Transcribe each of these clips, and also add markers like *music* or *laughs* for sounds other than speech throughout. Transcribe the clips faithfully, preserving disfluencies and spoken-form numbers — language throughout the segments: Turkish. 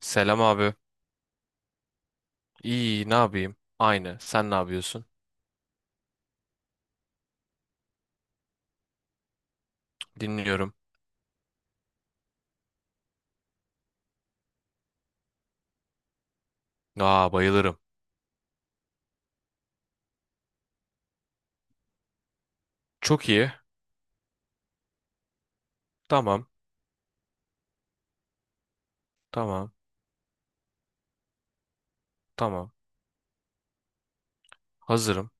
Selam abi. İyi, ne yapayım? Aynı. Sen ne yapıyorsun? Dinliyorum. Aa, bayılırım. Çok iyi. Tamam, tamam, tamam. Hazırım.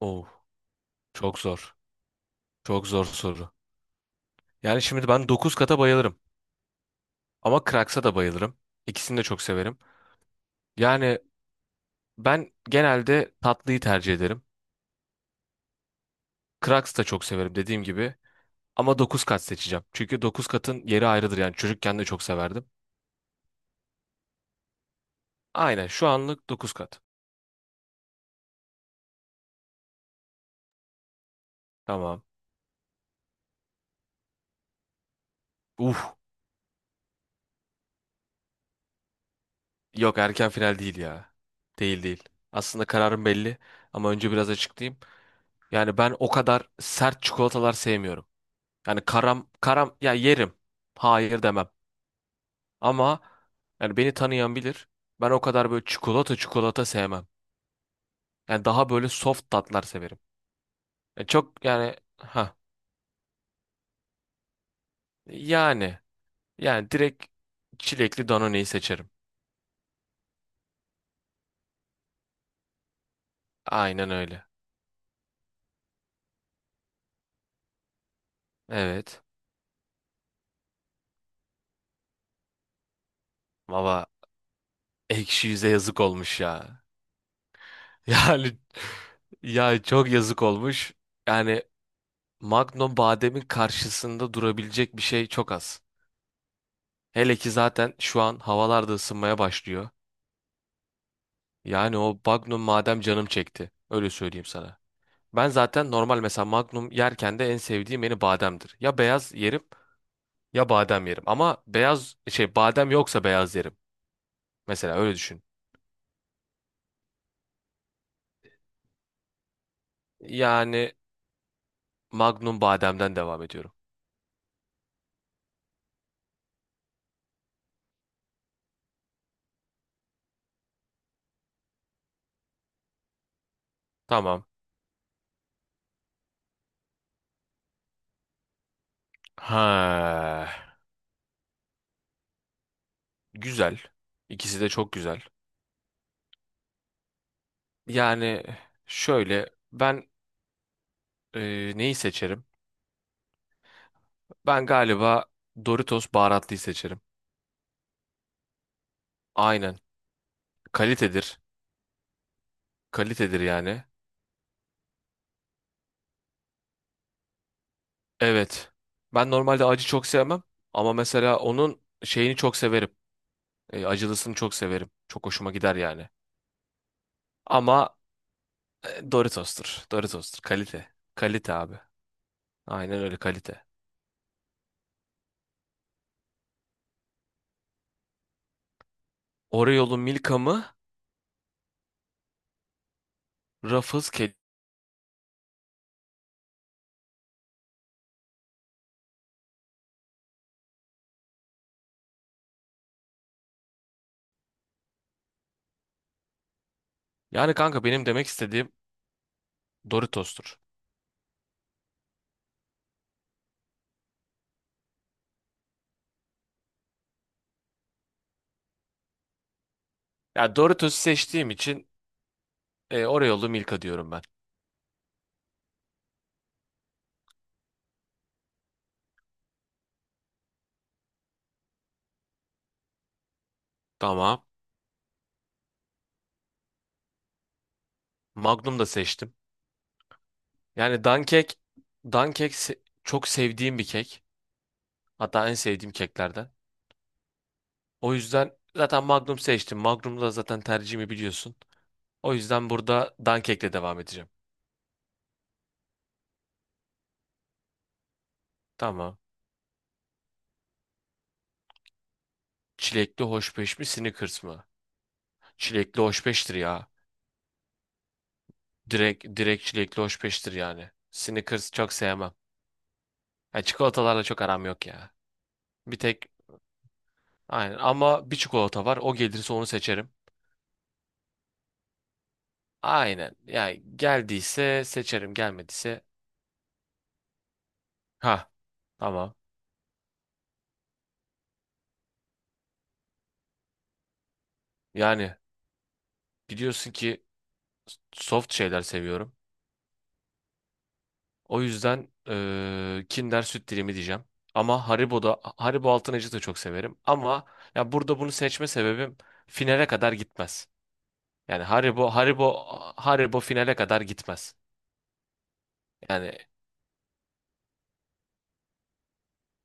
Oh, çok zor. Çok zor soru. Yani şimdi ben dokuz kata bayılırım. Ama Cracks'a da bayılırım. İkisini de çok severim. Yani ben genelde tatlıyı tercih ederim. Cracks da çok severim dediğim gibi. Ama dokuz kat seçeceğim. Çünkü dokuz katın yeri ayrıdır yani. Çocukken de çok severdim. Aynen şu anlık dokuz kat. Tamam. Uf. Yok, erken final değil ya. Değil değil. Aslında kararım belli ama önce biraz açıklayayım. Yani ben o kadar sert çikolatalar sevmiyorum. Yani karam karam ya yerim. Hayır demem. Ama yani beni tanıyan bilir. Ben o kadar böyle çikolata çikolata sevmem. Yani daha böyle soft tatlar severim. Yani çok yani ha yani yani direkt çilekli Danone'yi seçerim. Aynen öyle. Evet. Baba, ekşi yüze yazık olmuş ya. Yani ya çok yazık olmuş. Yani Magnum bademin karşısında durabilecek bir şey çok az. Hele ki zaten şu an havalar da ısınmaya başlıyor. Yani o Magnum madem canım çekti. Öyle söyleyeyim sana. Ben zaten normal mesela Magnum yerken de en sevdiğim beni bademdir. Ya beyaz yerim ya badem yerim. Ama beyaz şey badem yoksa beyaz yerim. Mesela öyle düşün. Yani Magnum bademden devam ediyorum. Tamam. Ha. Güzel. İkisi de çok güzel. Yani şöyle ben e, neyi seçerim? Ben galiba Doritos baharatlıyı seçerim. Aynen. Kalitedir. Kalitedir yani. Evet. Ben normalde acı çok sevmem ama mesela onun şeyini çok severim. E, acılısını çok severim. Çok hoşuma gider yani. Ama e, Doritos'tur. Doritos'tur. Kalite. Kalite abi. Aynen öyle kalite. Oreo'lu Milka mı? Ruffles kedi. Yani kanka benim demek istediğim Doritos'tur. Ya Doritos'u seçtiğim için e, Oreo'lu Milka diyorum ben. Tamam. Magnum da seçtim. Yani dankek, dankek se- çok sevdiğim bir kek. Hatta en sevdiğim keklerden. O yüzden zaten Magnum seçtim. Magnum da zaten tercihimi biliyorsun. O yüzden burada dankekle devam edeceğim. Tamam. Çilekli hoşbeş mi, Snickers mı? Çilekli hoşbeştir ya. Direkt direkt çilekli hoşbeştir yani. Snickers çok sevmem. Ya çikolatalarla çok aram yok ya. Bir tek, aynen, ama bir çikolata var. O gelirse onu seçerim. Aynen. Yani geldiyse seçerim, gelmediyse ha, tamam. Yani biliyorsun ki soft şeyler seviyorum. O yüzden eee, Kinder süt dilimi diyeceğim. Ama Haribo'da Haribo altın acı da çok severim. Ama ya burada bunu seçme sebebim finale kadar gitmez. Yani Haribo Haribo Haribo finale kadar gitmez. Yani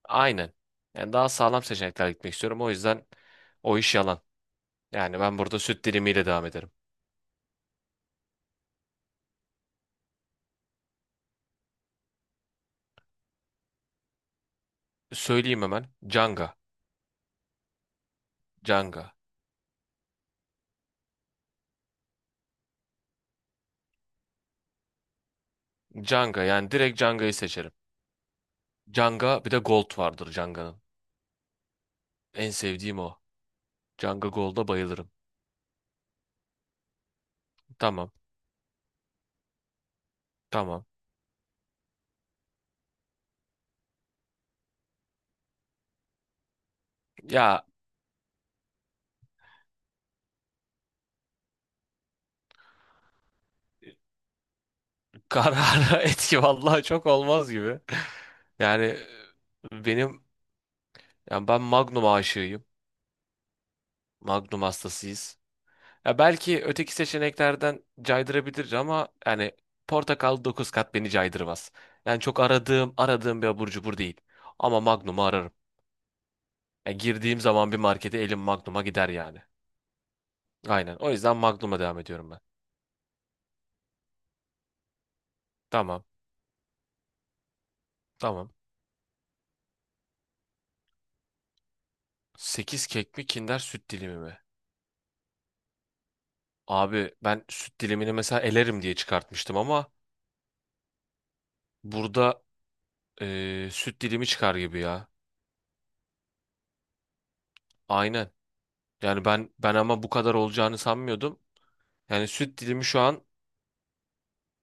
aynen. Yani daha sağlam seçenekler gitmek istiyorum. O yüzden o iş yalan. Yani ben burada süt dilimiyle devam ederim. Söyleyeyim hemen. Canga. Canga. Canga yani direkt Canga'yı seçerim. Canga bir de Gold vardır Canga'nın. En sevdiğim o. Canga Gold'a bayılırım. Tamam. Tamam. Ya karara *laughs* etki vallahi çok olmaz gibi. Yani benim yani ben Magnum aşığıyım. Magnum hastasıyız. Ya belki öteki seçeneklerden caydırabilir ama yani portakal dokuz kat beni caydırmaz. Yani çok aradığım aradığım bir abur cubur değil. Ama Magnum'u ararım. Yani girdiğim zaman bir markete elim Magnum'a gider yani. Aynen. O yüzden Magnum'a devam ediyorum ben. Tamam. Tamam. Sekiz kek mi, Kinder süt dilimi mi? Abi ben süt dilimini mesela elerim diye çıkartmıştım ama burada eee, süt dilimi çıkar gibi ya. Aynen. Yani ben ben ama bu kadar olacağını sanmıyordum. Yani süt dilimi şu an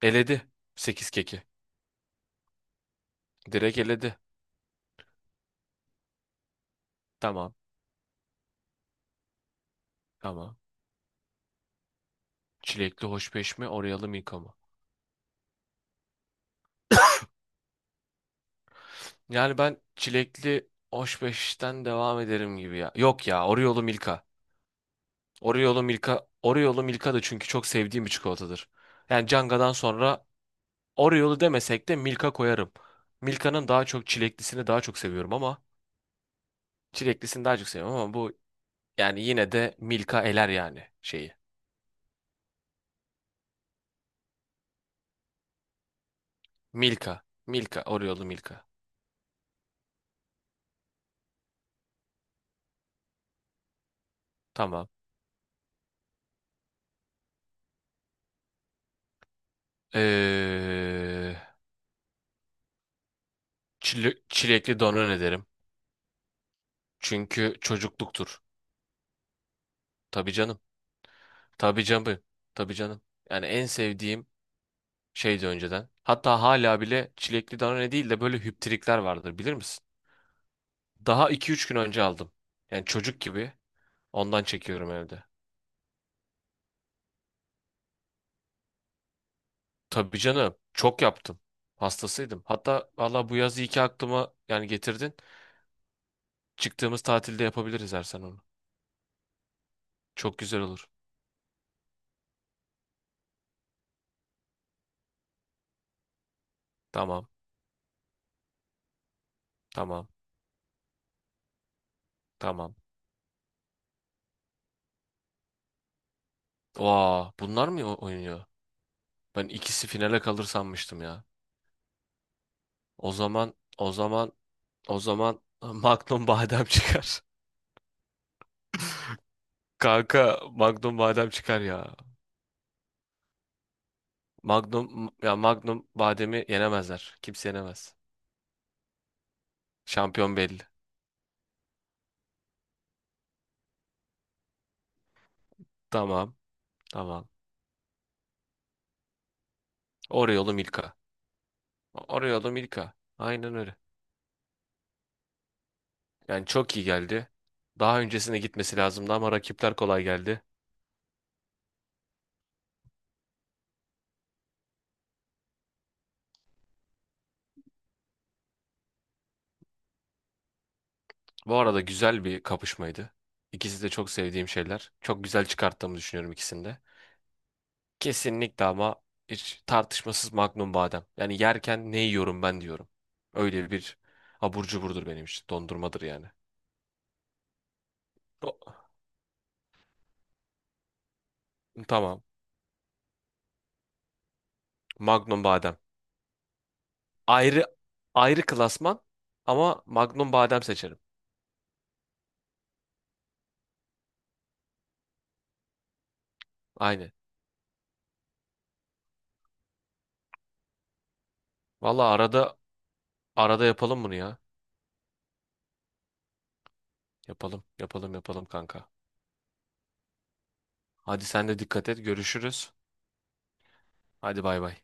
eledi sekiz keki. Direkt eledi. Tamam. Tamam. Çilekli hoşbeş mi? Oryalı Miko mu? Yani ben çilekli hoşbeşten devam ederim gibi ya. Yok ya. Oreo'lu Milka. Oreo'lu Milka. Oreo'lu Milka da çünkü çok sevdiğim bir çikolatadır. Yani Canga'dan sonra Oreo'lu demesek de Milka koyarım. Milka'nın daha çok çileklisini daha çok seviyorum ama çileklisini daha çok seviyorum ama bu, yani yine de Milka eler yani şeyi. Milka. Milka. Oreo'lu Milka. Tamam. Ee, Çile- çilekli doner ederim. Çünkü çocukluktur. Tabii canım. Tabii canım. Tabii canım. Yani en sevdiğim şeydi önceden. Hatta hala bile çilekli donone değil de böyle hüptrikler vardır, bilir misin? Daha iki üç gün önce aldım. Yani çocuk gibi ondan çekiyorum evde. Tabii canım. Çok yaptım. Hastasıydım. Hatta valla bu yaz iyi ki aklıma yani getirdin. Çıktığımız tatilde yapabiliriz Ersen onu. Çok güzel olur. Tamam. Tamam. Tamam. Vaa, bunlar mı o- oynuyor? Ben ikisi finale kalır sanmıştım ya. O zaman o zaman o zaman *laughs* Magnum badem çıkar. *laughs* Kanka Magnum badem çıkar ya. Magnum ya, Magnum bademi yenemezler. Kimse yenemez. Şampiyon belli. Tamam. Tamam. Oreo'lu Milka. Oreo'lu Milka. Aynen öyle. Yani çok iyi geldi. Daha öncesine gitmesi lazımdı ama rakipler kolay geldi. Bu arada güzel bir kapışmaydı. İkisi de çok sevdiğim şeyler. Çok güzel çıkarttığımı düşünüyorum ikisinde. Kesinlikle ama hiç tartışmasız Magnum badem. Yani yerken ne yiyorum ben diyorum. Öyle bir abur cuburdur benim için. Dondurmadır yani. O- Tamam. Magnum badem. Ayrı ayrı klasman ama Magnum badem seçerim. Aynı. Valla arada arada yapalım bunu ya. Yapalım. Yapalım yapalım kanka. Hadi sen de dikkat et. Görüşürüz. Hadi bay bay.